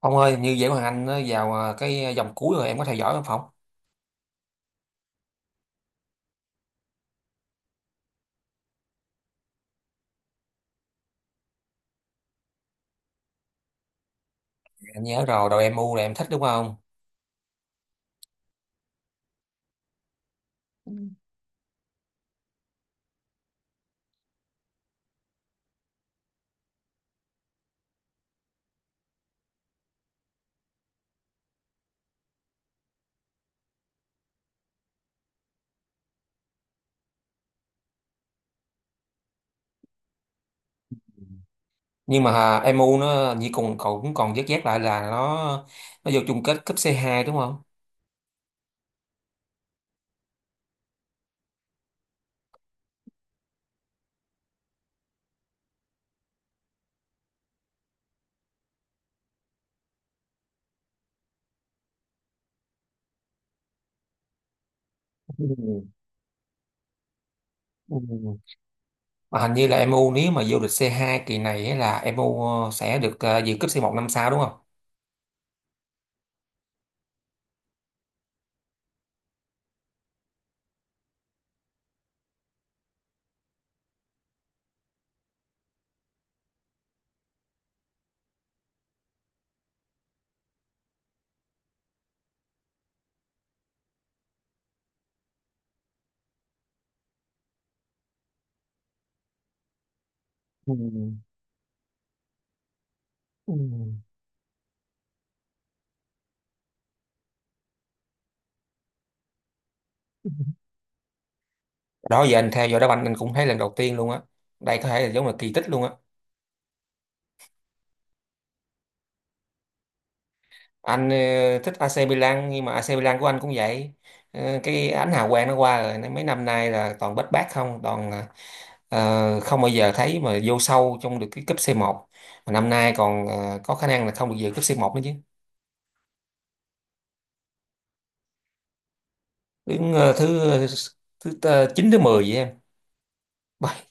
Ông ơi, như vậy Hoàng Anh nó vào à, cái dòng cuối rồi em có theo dõi không Phong? Anh nhớ rồi, đội em u là em thích đúng không? Nhưng mà à, em u nó như cùng cậu cũng còn vớt vát lại là nó vô chung kết cúp c hai đúng không? Ừ. Ừ. Mà hình như là em u nếu mà vô địch c hai kỳ này ấy là em u sẽ được à, dự cúp c một năm sau đúng không? Ừ. Ừ. Đó giờ anh theo dõi đá banh anh cũng thấy lần đầu tiên luôn á. Đây có thể là giống là kỳ tích luôn á. Anh thích AC Milan nhưng mà AC Milan của anh cũng vậy. Ờ, cái ánh hào quang nó qua rồi nên mấy năm nay là toàn bết bát không, toàn không bao giờ thấy mà vô sâu trong được cái cúp C1, mà năm nay còn có khả năng là không được dự cúp C1 nữa chứ. Đứng thứ thứ chín thứ mười vậy em. Bầy,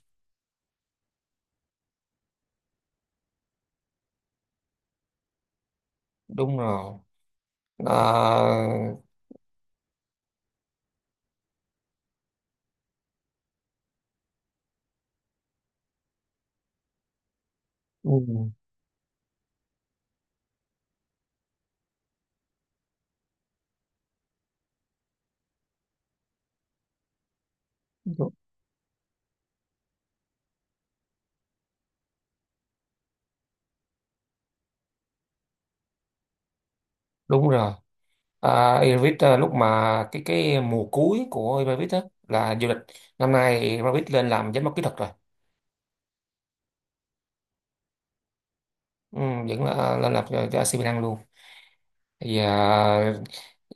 đúng rồi. Ờ, ừ, đúng đúng rồi. À, Ibrahimovic, lúc mà cái mùa cuối của Ibrahimovic á là vô địch. Năm nay Ibrahimovic lên làm giám đốc kỹ thuật rồi. Ừ, vẫn là, lên lập cho AC Milan luôn. Thì à,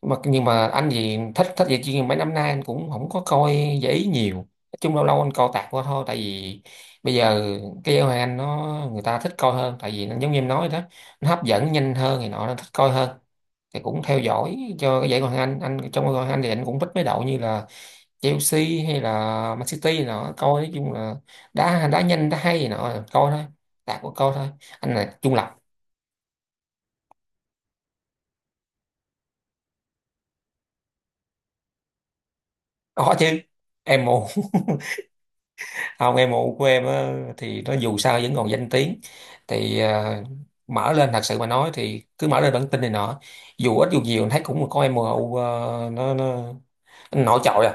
nhưng mà anh gì thích thích vậy chứ mấy năm nay anh cũng không có coi giải ý nhiều, nói chung lâu lâu anh coi tạt qua thôi. Tại vì bây giờ cái giải Ngoại hạng Anh nó người ta thích coi hơn, tại vì nó giống như em nói đó, nó hấp dẫn nhanh hơn thì nọ nó thích coi hơn. Thì cũng theo dõi cho cái giải Ngoại hạng Anh, trong giải Ngoại hạng Anh thì anh cũng thích mấy đội như là Chelsea, hay là Man City này nọ coi, nói chung là đá đá nhanh đá hay này nọ coi thôi, tạt qua coi thôi. Anh là chung là có chứ em mụ. Không, em mụ của em á, thì nó dù sao vẫn còn danh tiếng. Thì à, mở lên thật sự mà nói thì cứ mở lên bản tin này nọ dù ít dù nhiều thấy cũng có em mụ, nó nổi trội à.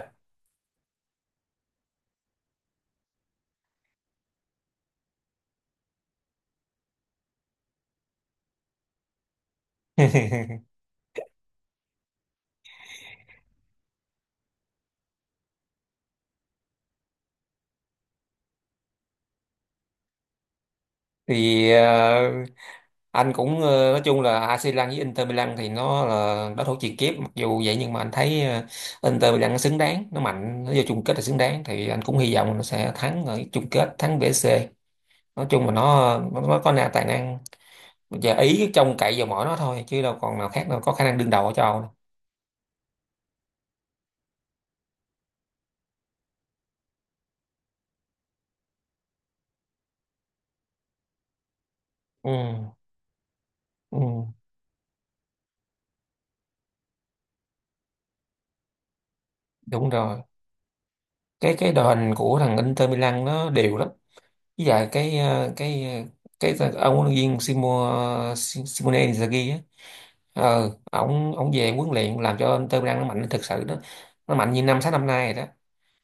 Thì anh cũng nói chung là AC Milan với Inter Milan thì nó là đối thủ truyền kiếp, mặc dù vậy nhưng mà anh thấy Inter Milan nó xứng đáng, nó mạnh, nó vô chung kết là xứng đáng. Thì anh cũng hy vọng nó sẽ thắng ở chung kết, thắng BSC. Nói chung là nó có tài năng. Bây giờ Ý trông cậy vào mỗi nó thôi chứ đâu còn nào khác đâu có khả năng đương đầu ở châu Âu đâu. Ừ, ừ, đúng rồi. Cái đội hình của thằng Inter Milan nó đều lắm. Với lại cái ờ, cái ông huấn luyện viên Simo, Simone Inzaghi á. Ờ ổng ổng về huấn luyện làm cho Inter Milan nó mạnh thực sự đó. Nó mạnh như năm sáu năm nay rồi đó.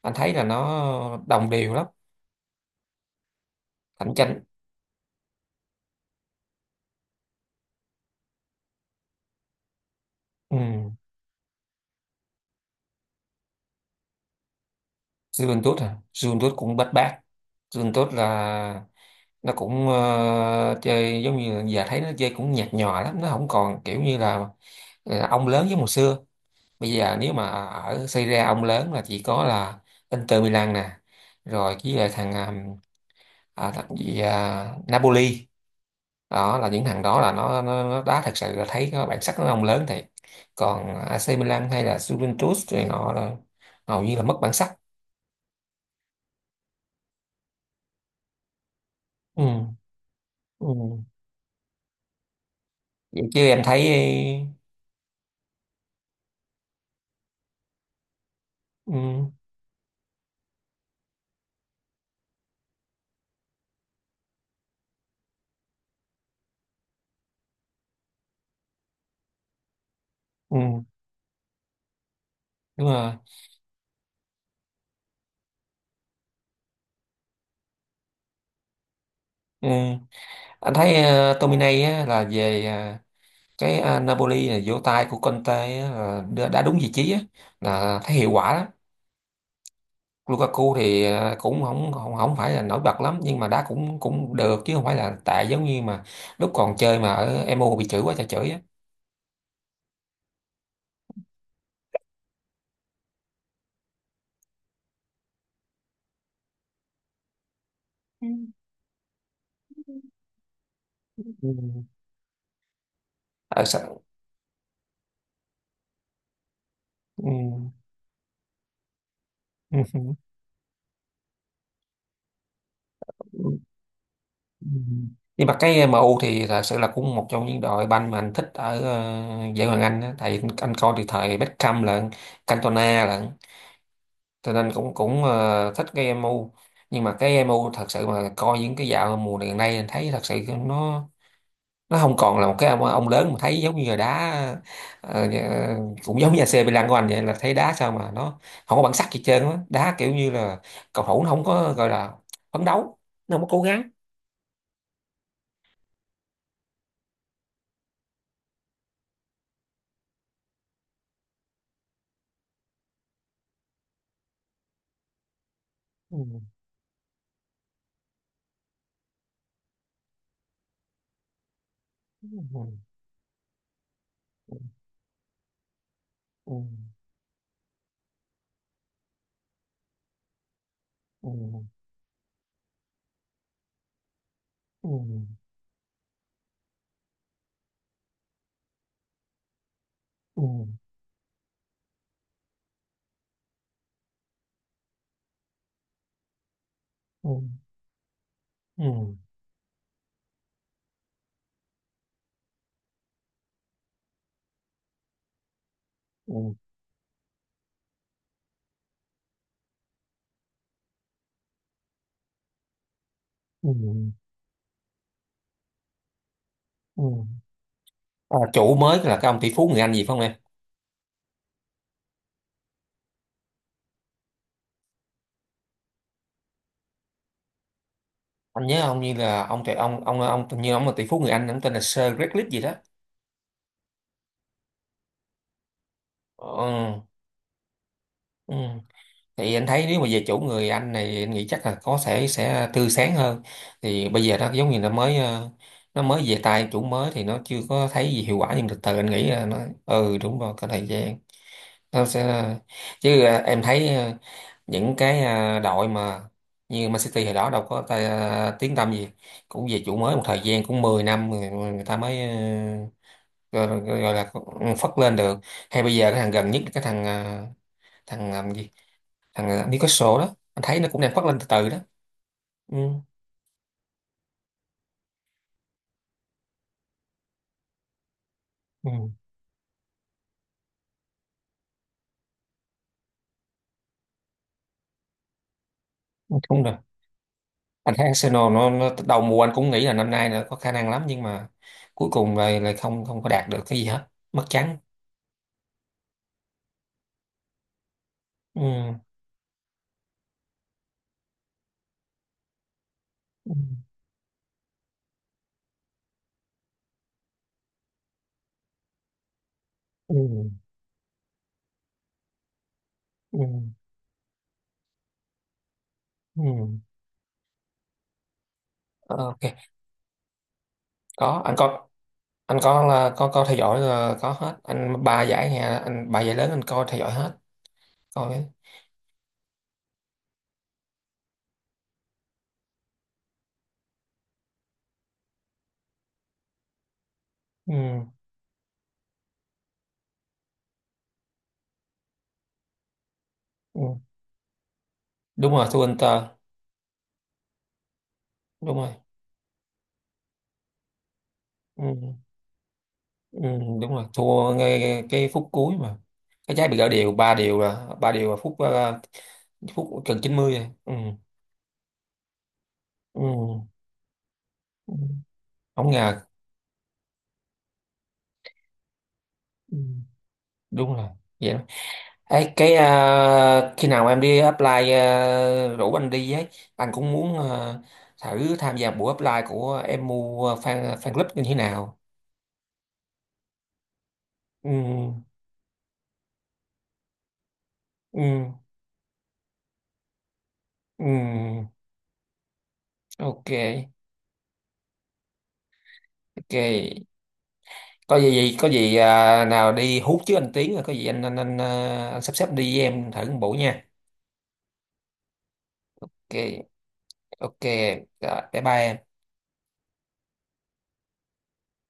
Anh thấy là nó đồng đều lắm. Cạnh tranh. Ừ. Juventus à? Juventus cũng bết bát. Rừng tốt là nó cũng chơi, giống như giờ thấy nó chơi cũng nhạt nhòa lắm, nó không còn kiểu như là ông lớn giống hồi xưa. Bây giờ nếu mà ở Serie A ông lớn là chỉ có là Inter Milan nè, rồi với lại thằng à, à, thằng gì à, Napoli. Đó là những thằng đó, là nó đá thật sự là thấy có bản sắc, nó ông lớn thiệt. Còn AC Milan hay là Juventus thì họ là hầu như là mất bản sắc. Ừ. Ừ. Vậy chứ em thấy. Ừ. Ừ. Đúng rồi. Ừ. Anh thấy Tomine á, là về à, cái à, Napoli là vỗ tay của Conte á, là đã đúng vị trí á, là thấy hiệu quả đó. Lukaku thì à, cũng không không không phải là nổi bật lắm nhưng mà đá cũng cũng được, chứ không phải là tệ giống như mà lúc còn chơi mà ở MU bị chửi quá trời chửi á. Ừ. Ừ. Ờ, ừ. Ừ. Nhưng mà cái MU thì thật sự là cũng một trong những đội banh mà anh thích ở giải Ngoại hạng Anh á. Tại anh coi từ thời Beckham lận, Cantona lận, cho nên cũng cũng ờ, thích cái MU. Nhưng mà cái MU thật sự mà coi những cái dạo mùa này gần đây anh thấy thật sự nó nó không còn là một cái ông lớn, mà thấy giống như là đá ờ, nhà- cũng giống như AC Milan của anh vậy, là thấy đá sao mà nó không có bản sắc gì hết trơn á, đá kiểu như là cầu thủ nó không có gọi là phấn đấu, nó không có cố gắng. Ừ. Ừ. Ừ, ừ, ừ, ừ, ừ, ừ, ừ, ừ, ừ. À, chủ mới là cái ông tỷ phú người Anh gì phải không em? Anh nhớ ông như là ông trời, ông tự nhiên ông là tỷ phú người Anh, ông tên là Sir Greg gì đó. Ừ, ừ. Thì anh thấy nếu mà về chủ người Anh này anh nghĩ chắc là có sẽ tươi sáng hơn. Thì bây giờ nó giống như nó mới về tay chủ mới thì nó chưa có thấy gì hiệu quả, nhưng từ từ anh nghĩ là nó. Ừ, đúng rồi, có thời gian nó sẽ. Chứ à, em thấy những cái à, đội mà như Man City hồi đó đâu có tay, à, tiếng tăm gì, cũng về chủ mới một thời gian cũng 10 năm người ta mới ờ, gọi, gọi gọi là phất lên được. Hay bây giờ cái thằng gần nhất, cái thằng à, thằng làm gì, thằng à, Newcastle đó, anh thấy nó cũng đang phất lên từ từ đó. Ừ, ừ, đúng rồi. Anh thấy Arsenal nó đầu mùa anh cũng nghĩ là năm nay nó có khả năng lắm, nhưng mà cuối cùng lại lại không không có đạt được cái gì hết, mất trắng. Ừ, ừ, ừ, ừ. Ừ. Ờ, ok. Có anh có. Anh có là có coi theo dõi là có hết anh, ba giải nhà anh, ba giải lớn anh coi theo dõi hết, coi hết. Ừ, ừ. Đúng rồi, thua Inter. Đúng rồi. Ừ, ừ, đúng rồi, thua ngay cái phút cuối mà. Cái trái bị gỡ đều ba điều là phút phút gần 90 rồi. Ừ, ừ, ừ. Không ngờ. Ừ, đúng rồi. Vậy. Ấy, cái à, khi nào em đi apply à, rủ anh đi ấy, anh cũng muốn à, thử tham gia buổi apply của em mua fan fan club như thế nào. Ừ, ừ, ừ, ok, ok. Có gì à, nào đi hút chứ anh Tiến, rồi có gì anh sắp xếp đi với em thử một buổi nha. Ok, ok. Rồi, bye bye em.